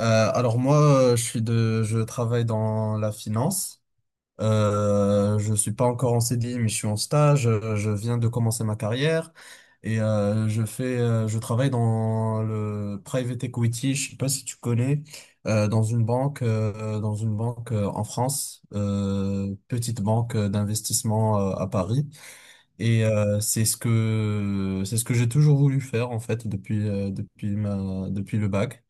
Alors moi, je travaille dans la finance. Je suis pas encore en CDI, mais je suis en stage. Je viens de commencer ma carrière et je travaille dans le private equity. Je sais pas si tu connais, dans une banque en France, petite banque d'investissement à Paris. C'est ce que j'ai toujours voulu faire en fait depuis le bac.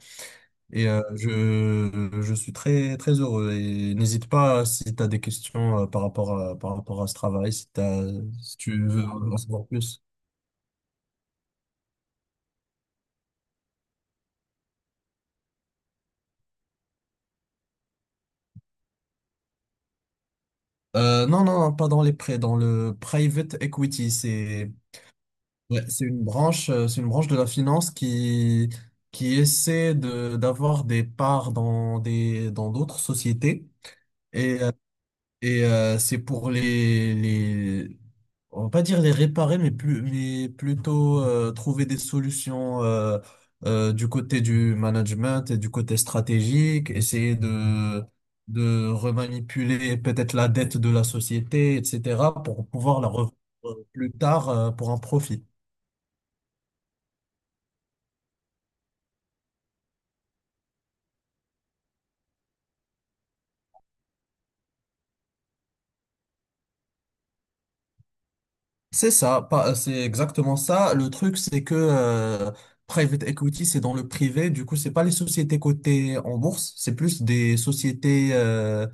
Je suis très, très heureux. Et n'hésite pas si tu as des questions par rapport à ce travail, si tu veux en savoir plus. Non, non, non, pas dans les prêts, dans le private equity. C'est ouais, c'est une branche, de la finance qui essaie d'avoir des parts dans d'autres sociétés. Et, euh, c'est on va pas dire les réparer, mais plutôt trouver des solutions du côté du management et du côté stratégique, essayer de remanipuler peut-être la dette de la société, etc., pour pouvoir la revendre plus tard pour un profit. C'est ça, pas, c'est exactement ça. Le truc, c'est que private equity, c'est dans le privé. Du coup, c'est pas les sociétés cotées en bourse, c'est plus des sociétés euh,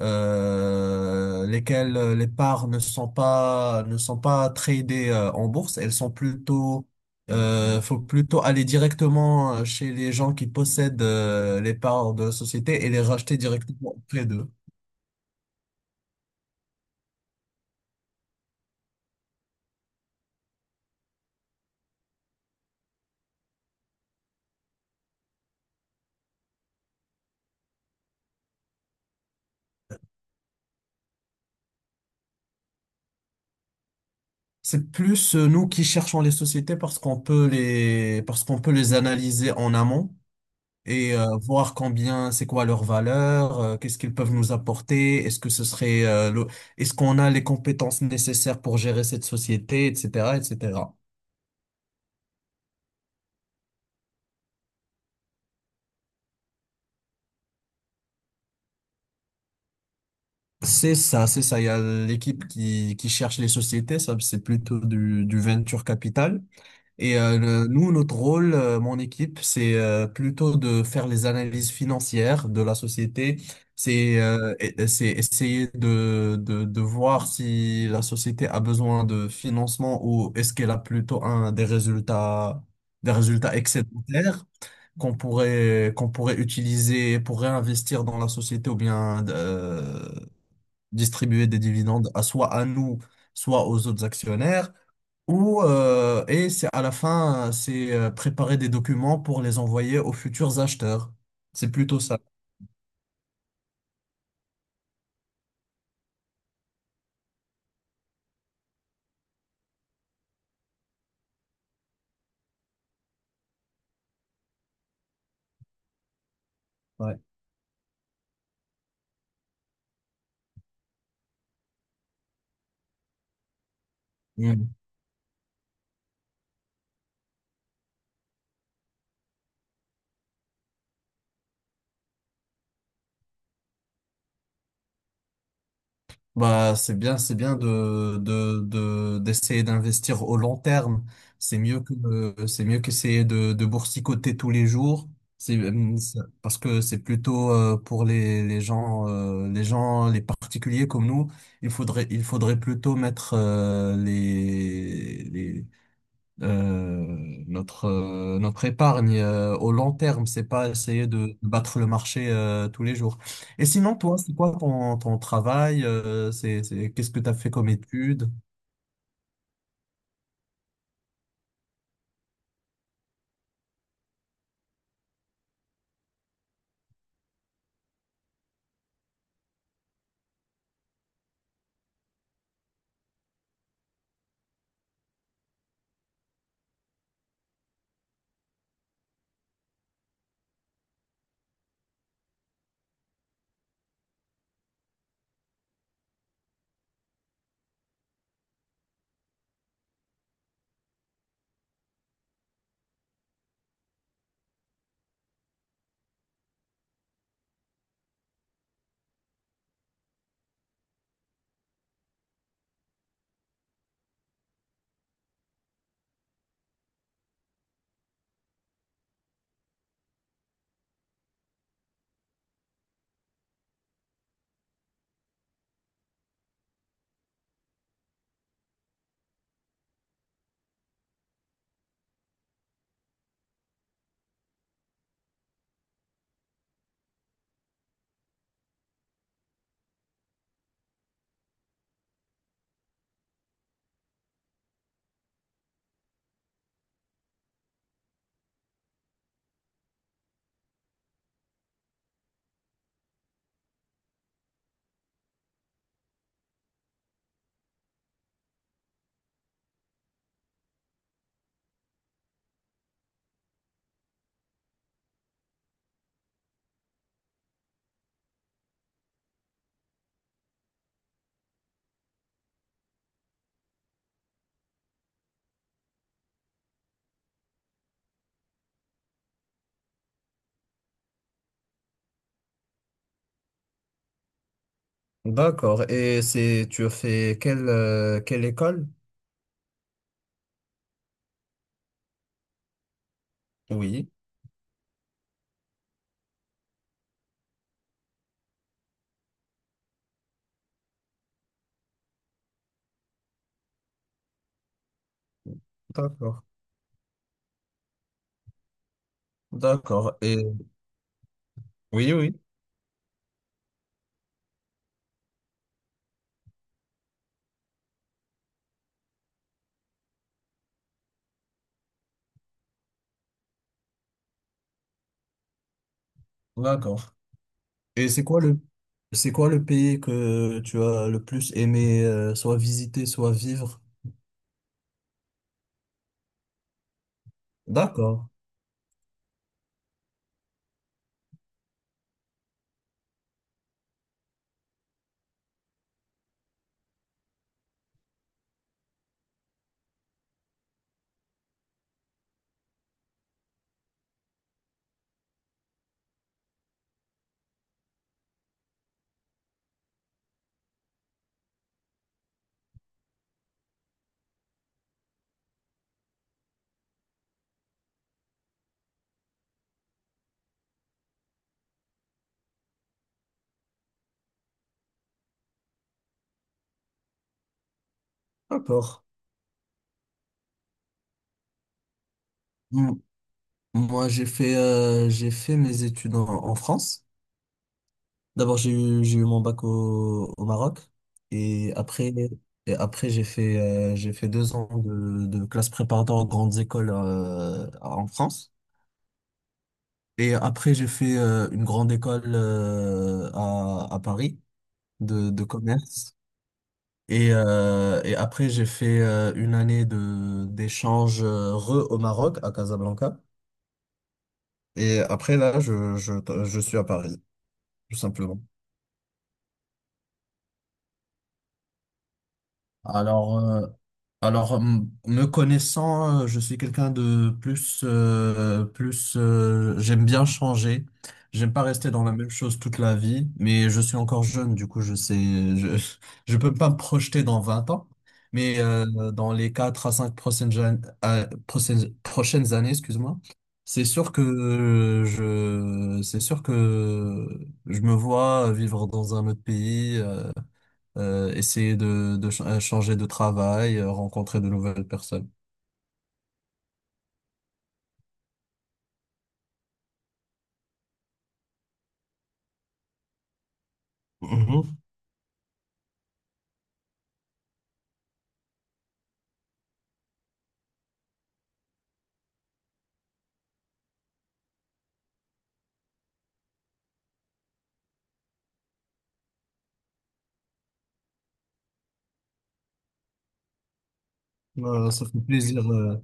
euh, lesquelles euh, les parts ne sont pas tradées en bourse, elles sont plutôt faut plutôt aller directement chez les gens qui possèdent les parts de la société et les racheter directement auprès d'eux. C'est plus nous qui cherchons les sociétés parce qu'on peut les analyser en amont et voir c'est quoi leur valeur, qu'est-ce qu'ils peuvent nous apporter, est-ce que ce serait, le- est-ce qu'on a les compétences nécessaires pour gérer cette société, etc., etc. C'est ça, c'est ça. Il y a qui cherche les sociétés, ça c'est du venture capital. Nous, notre rôle, mon équipe, c'est plutôt de faire les analyses financières de la société. C'est essayer de voir si la société a besoin de financement ou est-ce qu'elle a plutôt des résultats excédentaires qu'on pourrait utiliser pour réinvestir dans la société ou bien distribuer des dividendes soit à nous, soit aux autres actionnaires. Ou et c'est à la fin, c'est préparer des documents pour les envoyer aux futurs acheteurs. C'est plutôt ça. Ouais. Mm. Bah, c'est bien, c'est bien d'essayer d'investir au long terme. C'est mieux qu'essayer de boursicoter tous les jours. Parce que c'est plutôt pour les gens, les particuliers comme nous. Il faudrait plutôt mettre notre épargne au long terme, c'est pas essayer de battre le marché tous les jours. Et sinon, toi, c'est quoi ton travail? Qu'est-ce que tu as fait comme études? D'accord. Et tu as fait quelle école? Oui, d'accord, d'accord. Et oui, oui, d'accord. Et c'est quoi c'est quoi le pays que tu as le plus aimé, soit visiter, soit vivre? D'accord, d'accord. Hmm. Moi, j'ai fait mes études en France. D'abord, j'ai eu mon bac au Maroc. Et après, et après j'ai fait deux ans de classe préparatoire aux grandes écoles en France. Et après, j'ai fait une grande école à Paris de commerce. Et après, j'ai fait une année d'échange re au Maroc, à Casablanca. Et après, je suis à Paris, tout simplement. Alors, euh, me connaissant, je suis quelqu'un de plus, plus. J'aime bien changer. J'aime pas rester dans la même chose toute la vie, mais je suis encore jeune, je peux pas me projeter dans 20 ans, mais dans les 4 à 5 prochaines années, excuse-moi, c'est sûr que je me vois vivre dans un autre pays. Essayer de changer de travail, rencontrer de nouvelles personnes. Mhm. Euh, ça fait plaisir, euh,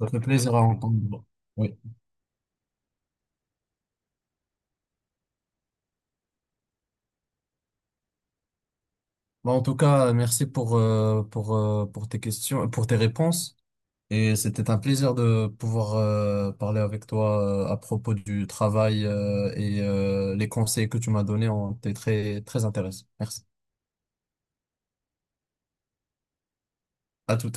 ça fait plaisir à entendre. Oui. Bah, en tout cas, merci pour tes questions, pour tes réponses. Et c'était un plaisir de pouvoir parler avec toi à propos du travail et les conseils que tu m'as donnés ont été très, très intéressants. Merci. À tout